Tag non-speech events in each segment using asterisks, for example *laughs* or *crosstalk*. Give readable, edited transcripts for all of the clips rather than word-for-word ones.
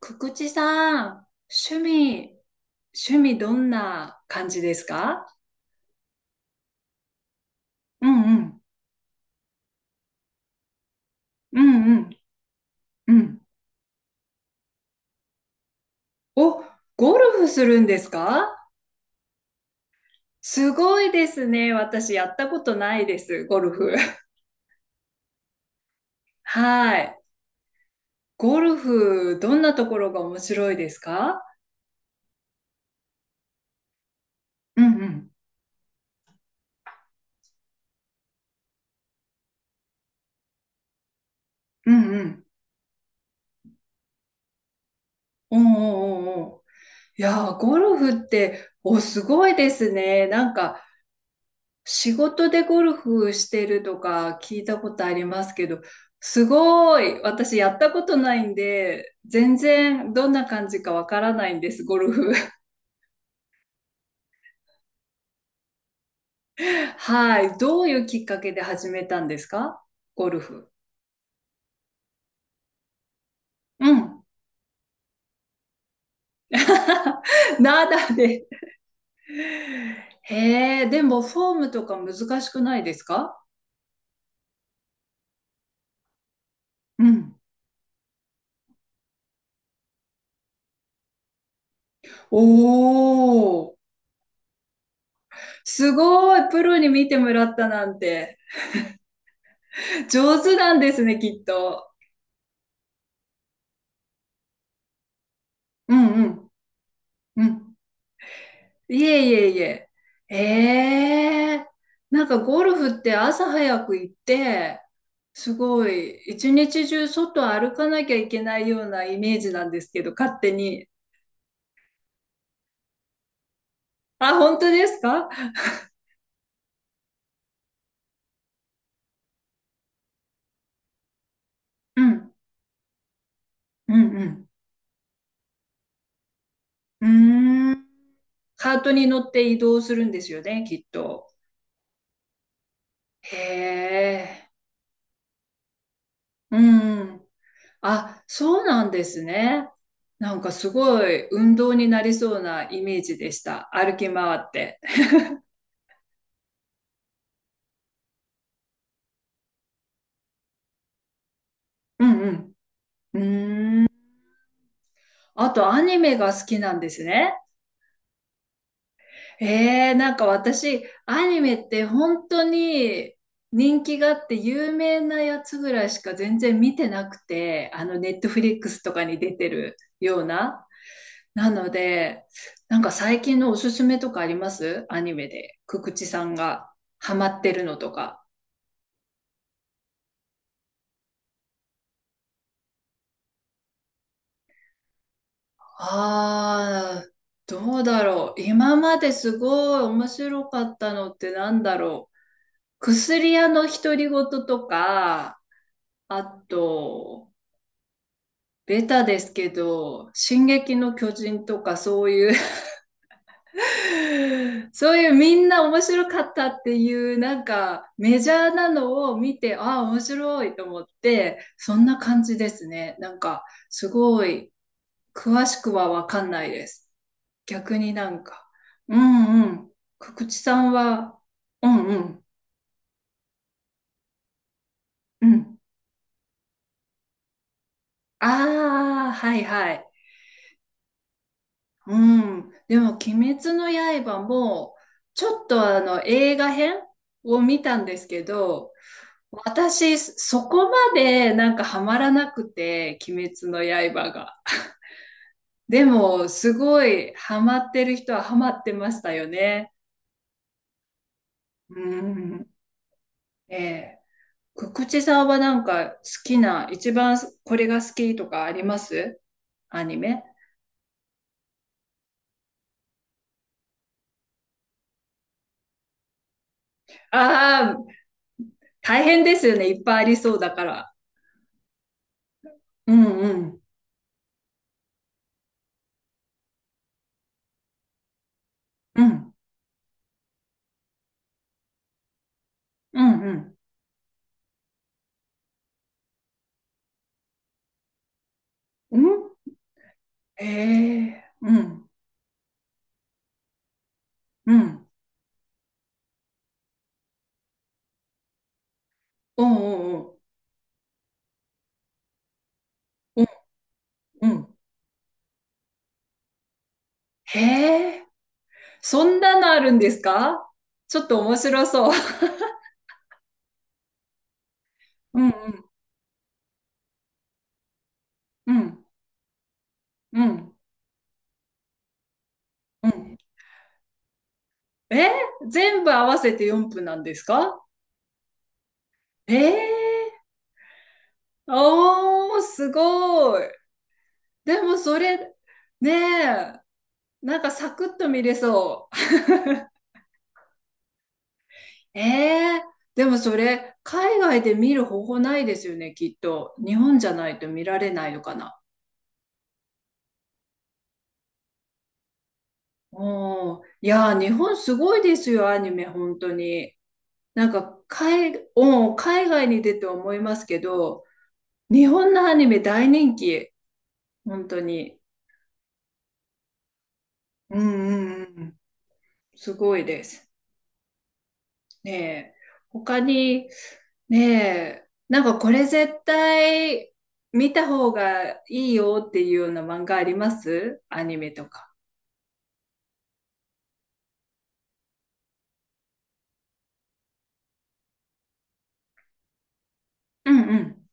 くくちさん、趣味、趣味どんな感じですか？うんうん、うんうん、うん。お、ゴルフするんですか？すごいですね。私やったことないです、ゴルフ。*laughs* はい。ゴルフ、どんなところが面白いですか？うんうん、うんうん。おーおーおーおー。いやー、ゴルフって、お、すごいですね。なんか、仕事でゴルフしてるとか聞いたことありますけど、すごい、私やったことないんで、全然どんな感じかわからないんです、ゴルフ。*laughs* はい。どういうきっかけで始めたんですか、ゴルフ。うん。*laughs* ナダで。へえ、でもフォームとか難しくないですか？うん。おー、すごい、プロに見てもらったなんて、上手なんですね、きっと。うんうん。うん。いえいえいえ。ええ、なんかゴルフって朝早く行って、すごい、一日中外歩かなきゃいけないようなイメージなんですけど、勝手に。あ、本当ですか？うん、うん、うん。うーん。カートに乗って移動するんですよね、きっと。へえ、うん。あ、そうなんですね。なんかすごい運動になりそうなイメージでした。歩き回って。うんうん。うーん。あと、アニメが好きなんですね。なんか私、アニメって本当に人気があって有名なやつぐらいしか全然見てなくて、あの、ネットフリックスとかに出てるような。なので、なんか最近のおすすめとかありますアニメで。くくちさんがハマってるのとか。ああ、どうだろう。今まですごい面白かったのってなんだろう。薬屋の独り言とか、あと、ベタですけど、進撃の巨人とかそういう *laughs* そういうみんな面白かったっていう、なんかメジャーなのを見て、ああ、面白いと思って、そんな感じですね。なんか、すごい、詳しくはわかんないです。逆になんか、うんうん、くくちさんは、うんうん、うん。ああ、はいはい。うん。でも、鬼滅の刃も、ちょっとあの、映画編を見たんですけど、私、そこまでなんかハマらなくて、鬼滅の刃が。でも、すごいハマってる人はハマってましたよね。うん。ええ。くくちさんはなんか好きな、一番これが好きとかありますアニメ。ああ、大変ですよね。いっぱいありそうだから。うんうん。うん。うんうん。うん。へえ、うん、うん、うん、うん、うん、うん。へえ、そんなのあるんですか？ちょっと面白そう。*laughs* うん、うん、うん、うん、うん。え、全部合わせて4分なんですか？ええ、おー、すごい。でもそれ、ねえ、なんかサクッと見れそう。ええ、でもそれ、海外で見る方法ないですよね、きっと。日本じゃないと見られないのかな。おーいやー、日本すごいですよ、アニメ、本当に。なんか、海、おー海外に出て思いますけど、日本のアニメ大人気、本当に。うんうんうん、すごいです。ねえ。他に、ねえ、なんかこれ絶対見た方がいいよっていうような漫画ありますアニメとか。うんうん。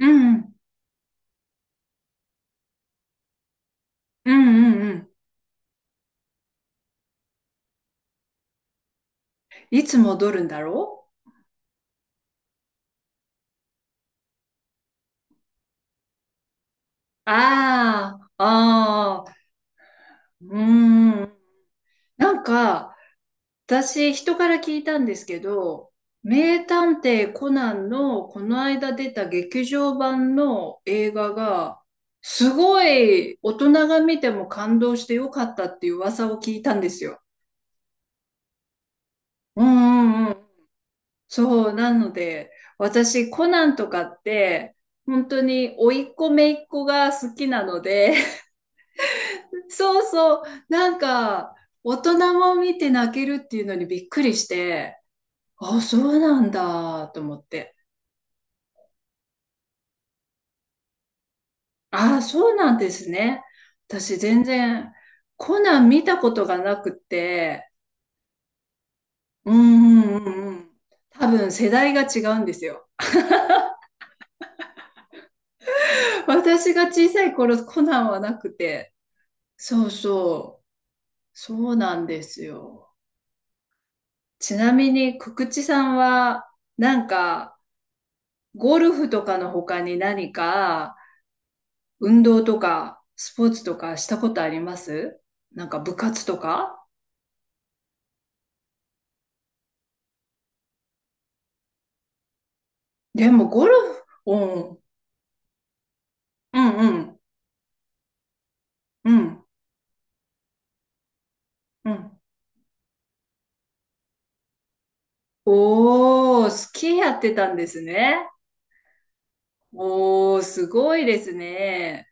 うんうん。うんうんうん。いつ戻るんだろう。ああ、あー、うーん。なんか、私、人から聞いたんですけど、名探偵コナンのこの間出た劇場版の映画が、すごい大人が見ても感動してよかったっていう噂を聞いたんですよ。うんうんうん。そう、なので、私、コナンとかって、本当に甥っ子姪っ子が好きなので、*laughs* そうそう、なんか、大人も見て泣けるっていうのにびっくりして、あ、そうなんだと思って。ああ、そうなんですね。私全然コナン見たことがなくて、うんうんうんうん。多分世代が違うんですよ。*laughs* 私が小さい頃コナンはなくて、そうそう、そうなんですよ。ちなみに、くくちさんは、なんか、ゴルフとかの他に何か、運動とか、スポーツとかしたことありますなんか部活とか。でもゴルフ、うん、うんうん、うん、うん。おー、スキーやってたんですね。おー、すごいですね。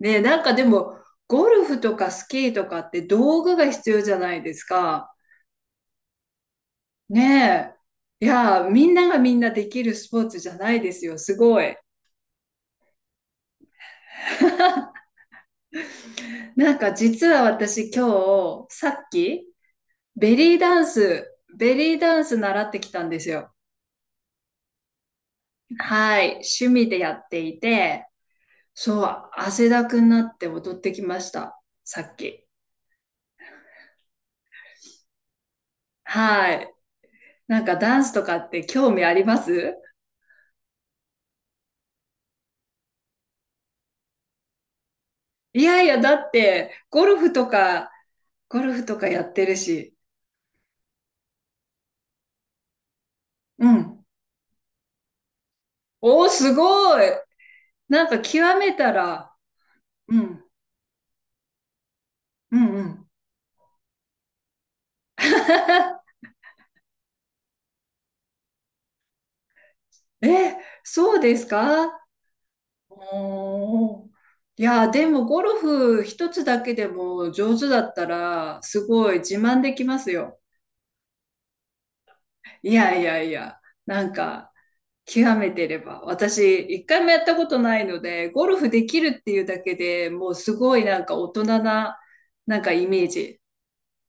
ね、なんかでも、ゴルフとかスキーとかって道具が必要じゃないですか。ねえ。いやー、みんながみんなできるスポーツじゃないですよ。すごい。*laughs* なんか実は私今日、さっき、ベリーダンス、ベリーダンス習ってきたんですよ。はい。趣味でやっていて、そう、汗だくになって踊ってきました。さっき。はい。なんかダンスとかって興味あります？いやいや、だって、ゴルフとか、ゴルフとかやってるし。うん。おー、すごい。なんか極めたら、うん、うん、うん。*laughs* え、そうですか？おー。いや、でもゴルフ一つだけでも上手だったら、すごい自慢できますよ。いやいやいや、なんか、極めてれば。私、一回もやったことないので、ゴルフできるっていうだけでもうすごいなんか大人な、なんかイメージ。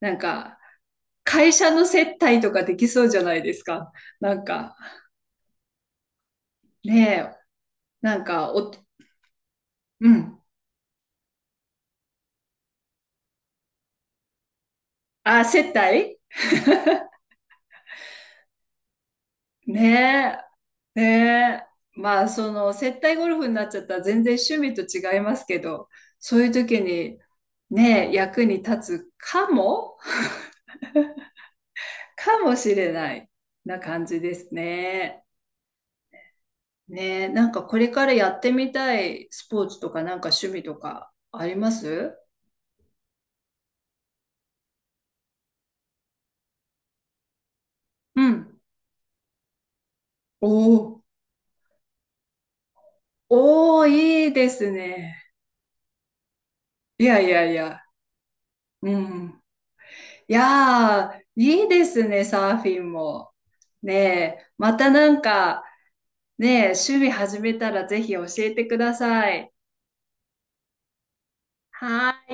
なんか、会社の接待とかできそうじゃないですか。なんか、ねえ、なんか、お、うん。あ、接待ねえ、ねえ。まあ、その、接待ゴルフになっちゃったら全然趣味と違いますけど、そういう時に、ねえ、役に立つかもしれないな感じですね。ねえ、なんかこれからやってみたいスポーツとかなんか趣味とかありますうん。おー、おー、いいですね。いやいやいや。うん。いやー、いいですね、サーフィンも。ねえ、またなんか、ねえ、趣味始めたらぜひ教えてください。はーい。